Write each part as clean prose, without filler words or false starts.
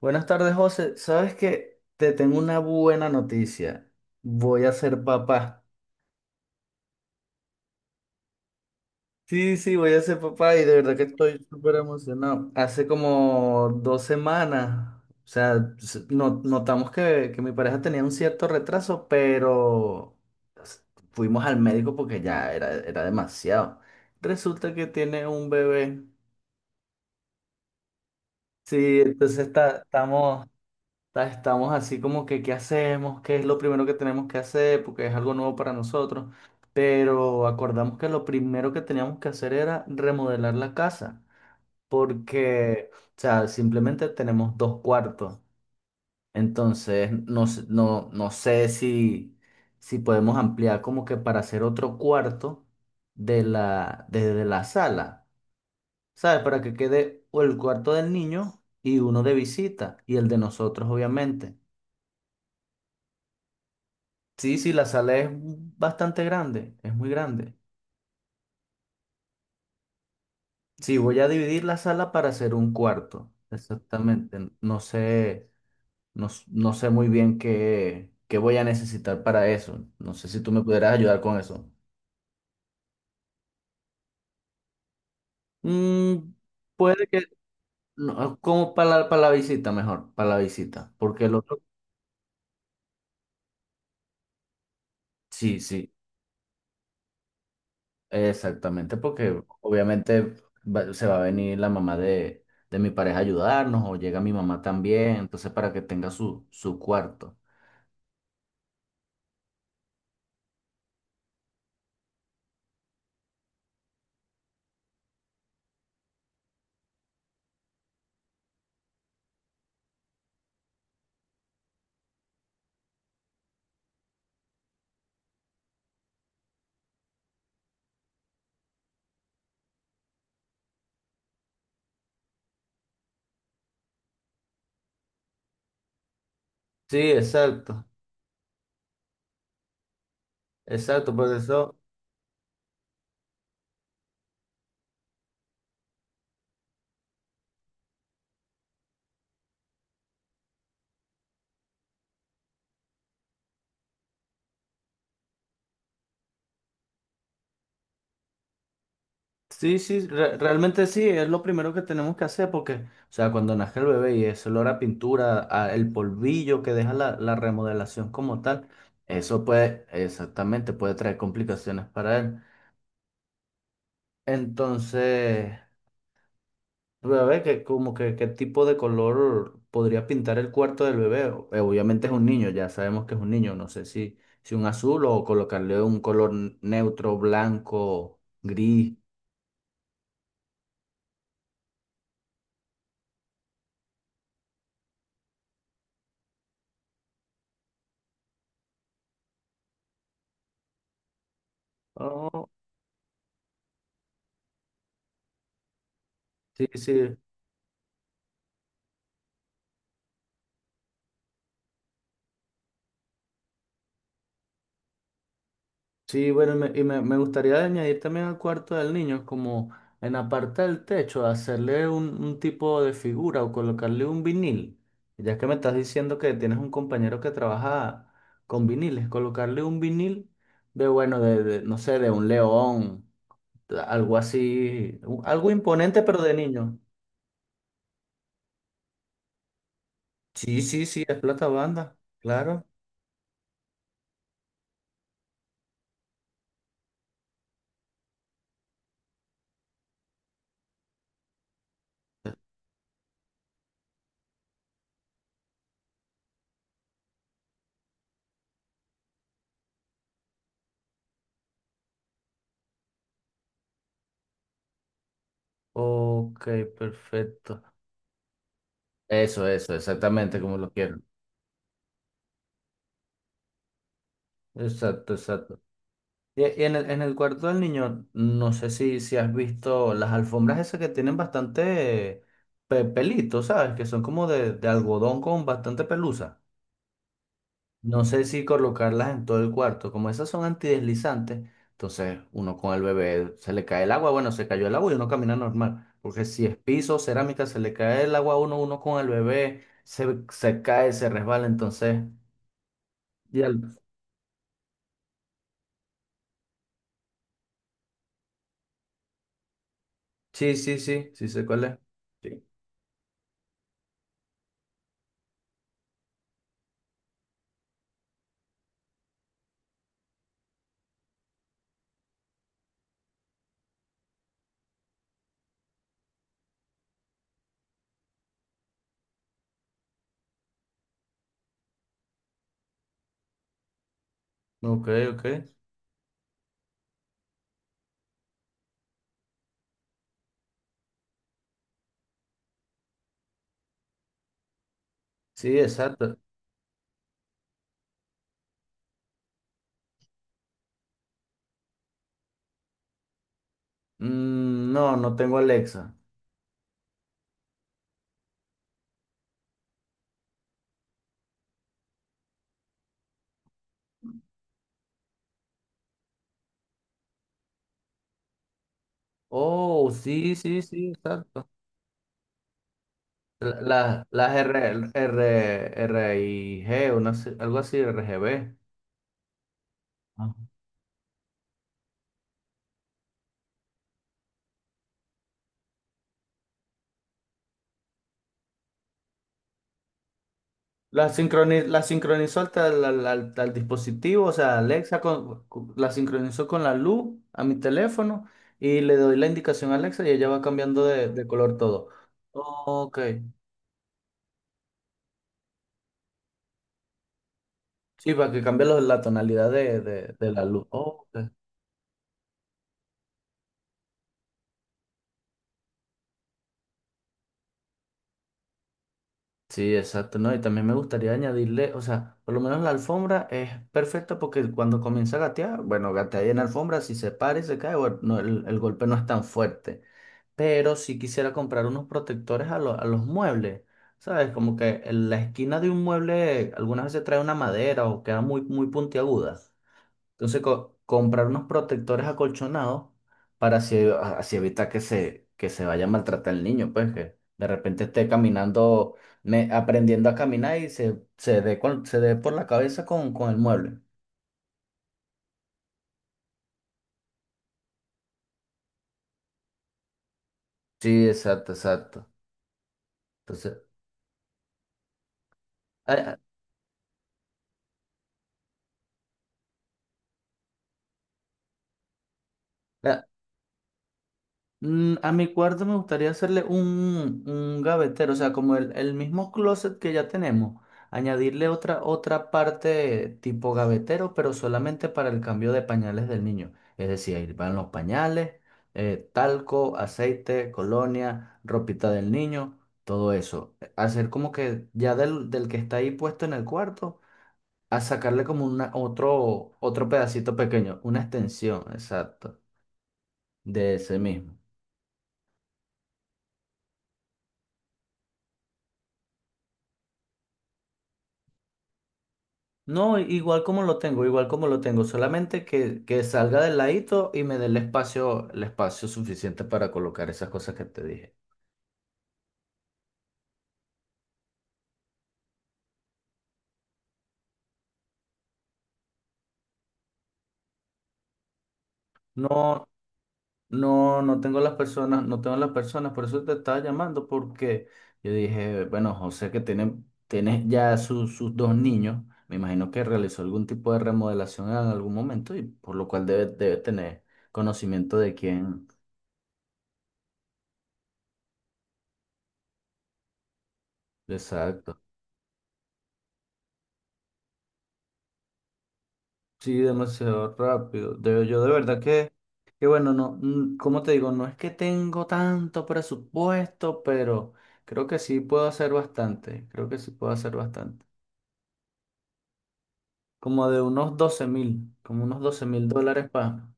Buenas tardes, José. ¿Sabes que te tengo una buena noticia? Voy a ser papá. Sí, sí, voy a ser papá y de verdad que estoy súper emocionado. Hace como 2 semanas, o sea, notamos que mi pareja tenía un cierto retraso, pero s- fuimos al médico porque ya era demasiado. Resulta que tiene un bebé. Sí, entonces estamos. Estamos así como que, ¿qué hacemos? ¿Qué es lo primero que tenemos que hacer? Porque es algo nuevo para nosotros. Pero acordamos que lo primero que teníamos que hacer era remodelar la casa. Porque, o sea, simplemente tenemos dos cuartos. Entonces, no, no sé si, podemos ampliar como que para hacer otro cuarto desde la sala. ¿Sabes? Para que quede o el cuarto del niño y uno de visita y el de nosotros, obviamente. Sí, sí, la sala es bastante grande, es muy grande. Sí, voy a dividir la sala para hacer un cuarto, exactamente. No sé, no, no sé muy bien qué, voy a necesitar para eso. No sé si tú me pudieras ayudar con eso. Mm, Puede que, no, como para la visita mejor, para la visita, porque el otro, sí, sí. Exactamente, porque obviamente se va a venir la mamá de, mi pareja a ayudarnos o llega mi mamá también, entonces para que tenga su cuarto. Sí, exacto, exacto, por eso, sí, sí, realmente sí, es lo primero que tenemos que hacer porque, o sea, cuando nace el bebé y ese olor a pintura, a el polvillo que deja la remodelación como tal, eso puede, exactamente, puede traer complicaciones para él. Entonces. A ver, que como que qué tipo de color podría pintar el cuarto del bebé. Obviamente es un niño, ya sabemos que es un niño. No sé si, un azul o colocarle un color neutro, blanco, gris. Oh, sí, sí. Sí, bueno, y me gustaría añadir también al cuarto del niño, como en la parte del techo, hacerle un tipo de figura o colocarle un vinil. Ya que me estás diciendo que tienes un compañero que trabaja con viniles, colocarle un vinil de, bueno, de, no sé, de un león, de algo así, algo imponente, pero de niño. Sí, sí, sí, es plata banda, claro. Ok, perfecto. Eso, exactamente como lo quiero. Exacto, exacto. Y en el, cuarto del niño, no sé si has visto las alfombras esas que tienen bastante pelito, ¿sabes? Que son como de algodón con bastante pelusa. No sé si colocarlas en todo el cuarto. Como esas son antideslizantes, entonces uno con el bebé se le cae el agua. Bueno, se cayó el agua y uno camina normal. Porque si es piso, cerámica, se le cae el agua a uno, uno con el bebé se, cae, se resbala. Entonces, y al- sí, sí, sí, sí sé cuál es. Sí. Ok, ok. Sí, exacto. No, no tengo Alexa. Oh, sí, sí, sí, exacto. Las R, RIG, algo así, R, RGB. Ajá. La sincronizó hasta al, tel- al- al- al dispositivo, o sea, Alexa la sincronizó con la luz a mi teléfono y le doy la indicación a Alexa y ella va cambiando de, color todo. Ok, sí, para que cambie la tonalidad de la luz. Ok. Sí, exacto, ¿no? Y también me gustaría añadirle, o sea, por lo menos la alfombra es perfecta porque cuando comienza a gatear, bueno, gatea ahí en la alfombra, si se para y se cae, bueno, no, el golpe no es tan fuerte. Pero sí quisiera comprar unos protectores a los muebles, ¿sabes? Como que en la esquina de un mueble algunas veces trae una madera o queda muy, muy puntiaguda. Entonces, comprar unos protectores acolchonados para así, así evitar que se, vaya a maltratar el niño, pues que de repente esté caminando, aprendiendo a caminar y se dé por la cabeza con, el mueble. Sí, exacto, exacto. Entonces, a- a- a mi cuarto me gustaría hacerle un, gavetero, o sea, como el mismo closet que ya tenemos, añadirle otra parte tipo gavetero, pero solamente para el cambio de pañales del niño. Es decir, ahí van los pañales, talco, aceite, colonia, ropita del niño, todo eso. Hacer como que ya del, que está ahí puesto en el cuarto, a sacarle como una, otro pedacito pequeño, una extensión, exacto, de ese mismo. No, igual como lo tengo, igual como lo tengo, solamente que salga del ladito y me dé el espacio suficiente para colocar esas cosas que te dije. No, no, no tengo las personas, no tengo las personas, por eso te estaba llamando, porque yo dije, bueno, José que tiene ya sus dos niños, me imagino que realizó algún tipo de remodelación en algún momento y por lo cual debe tener conocimiento de quién. Exacto. Sí, demasiado rápido. Yo de verdad que bueno, no, como te digo, no es que tengo tanto presupuesto, pero creo que sí puedo hacer bastante. Creo que sí puedo hacer bastante. Como de unos 12.000, como unos 12.000 dólares para.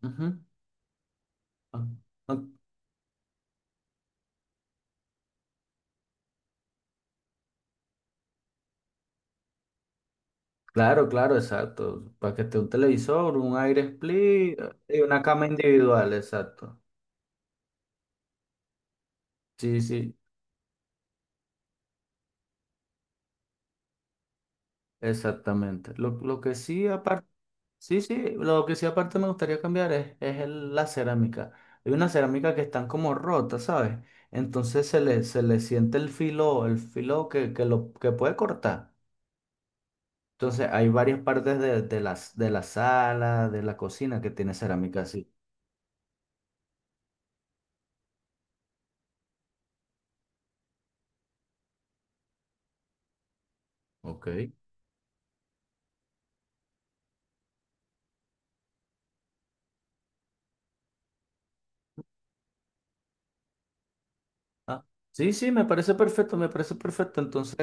Claro, claro, exacto. Para que esté un televisor, un aire split y una cama individual, exacto. Sí, sí, exactamente. Lo que sí, aparte. Sí, sí, lo que sí aparte me gustaría cambiar es la cerámica. Hay una cerámica que están como rotas, ¿sabes? Entonces se le siente el filo, que puede cortar. Entonces hay varias partes de la sala, de la cocina que tiene cerámica así. Ok. Ah, sí, sí, me parece perfecto, me parece perfecto. Entonces,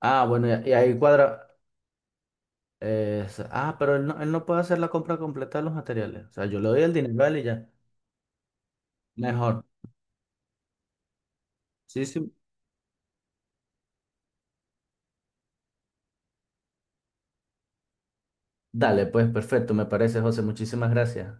ah, bueno, y ahí cuadra. Pero él no, puede hacer la compra completa de los materiales. O sea, yo le doy el dinero a él y ya. Mejor. Sí, sí. Dale, pues perfecto, me parece, José. Muchísimas gracias.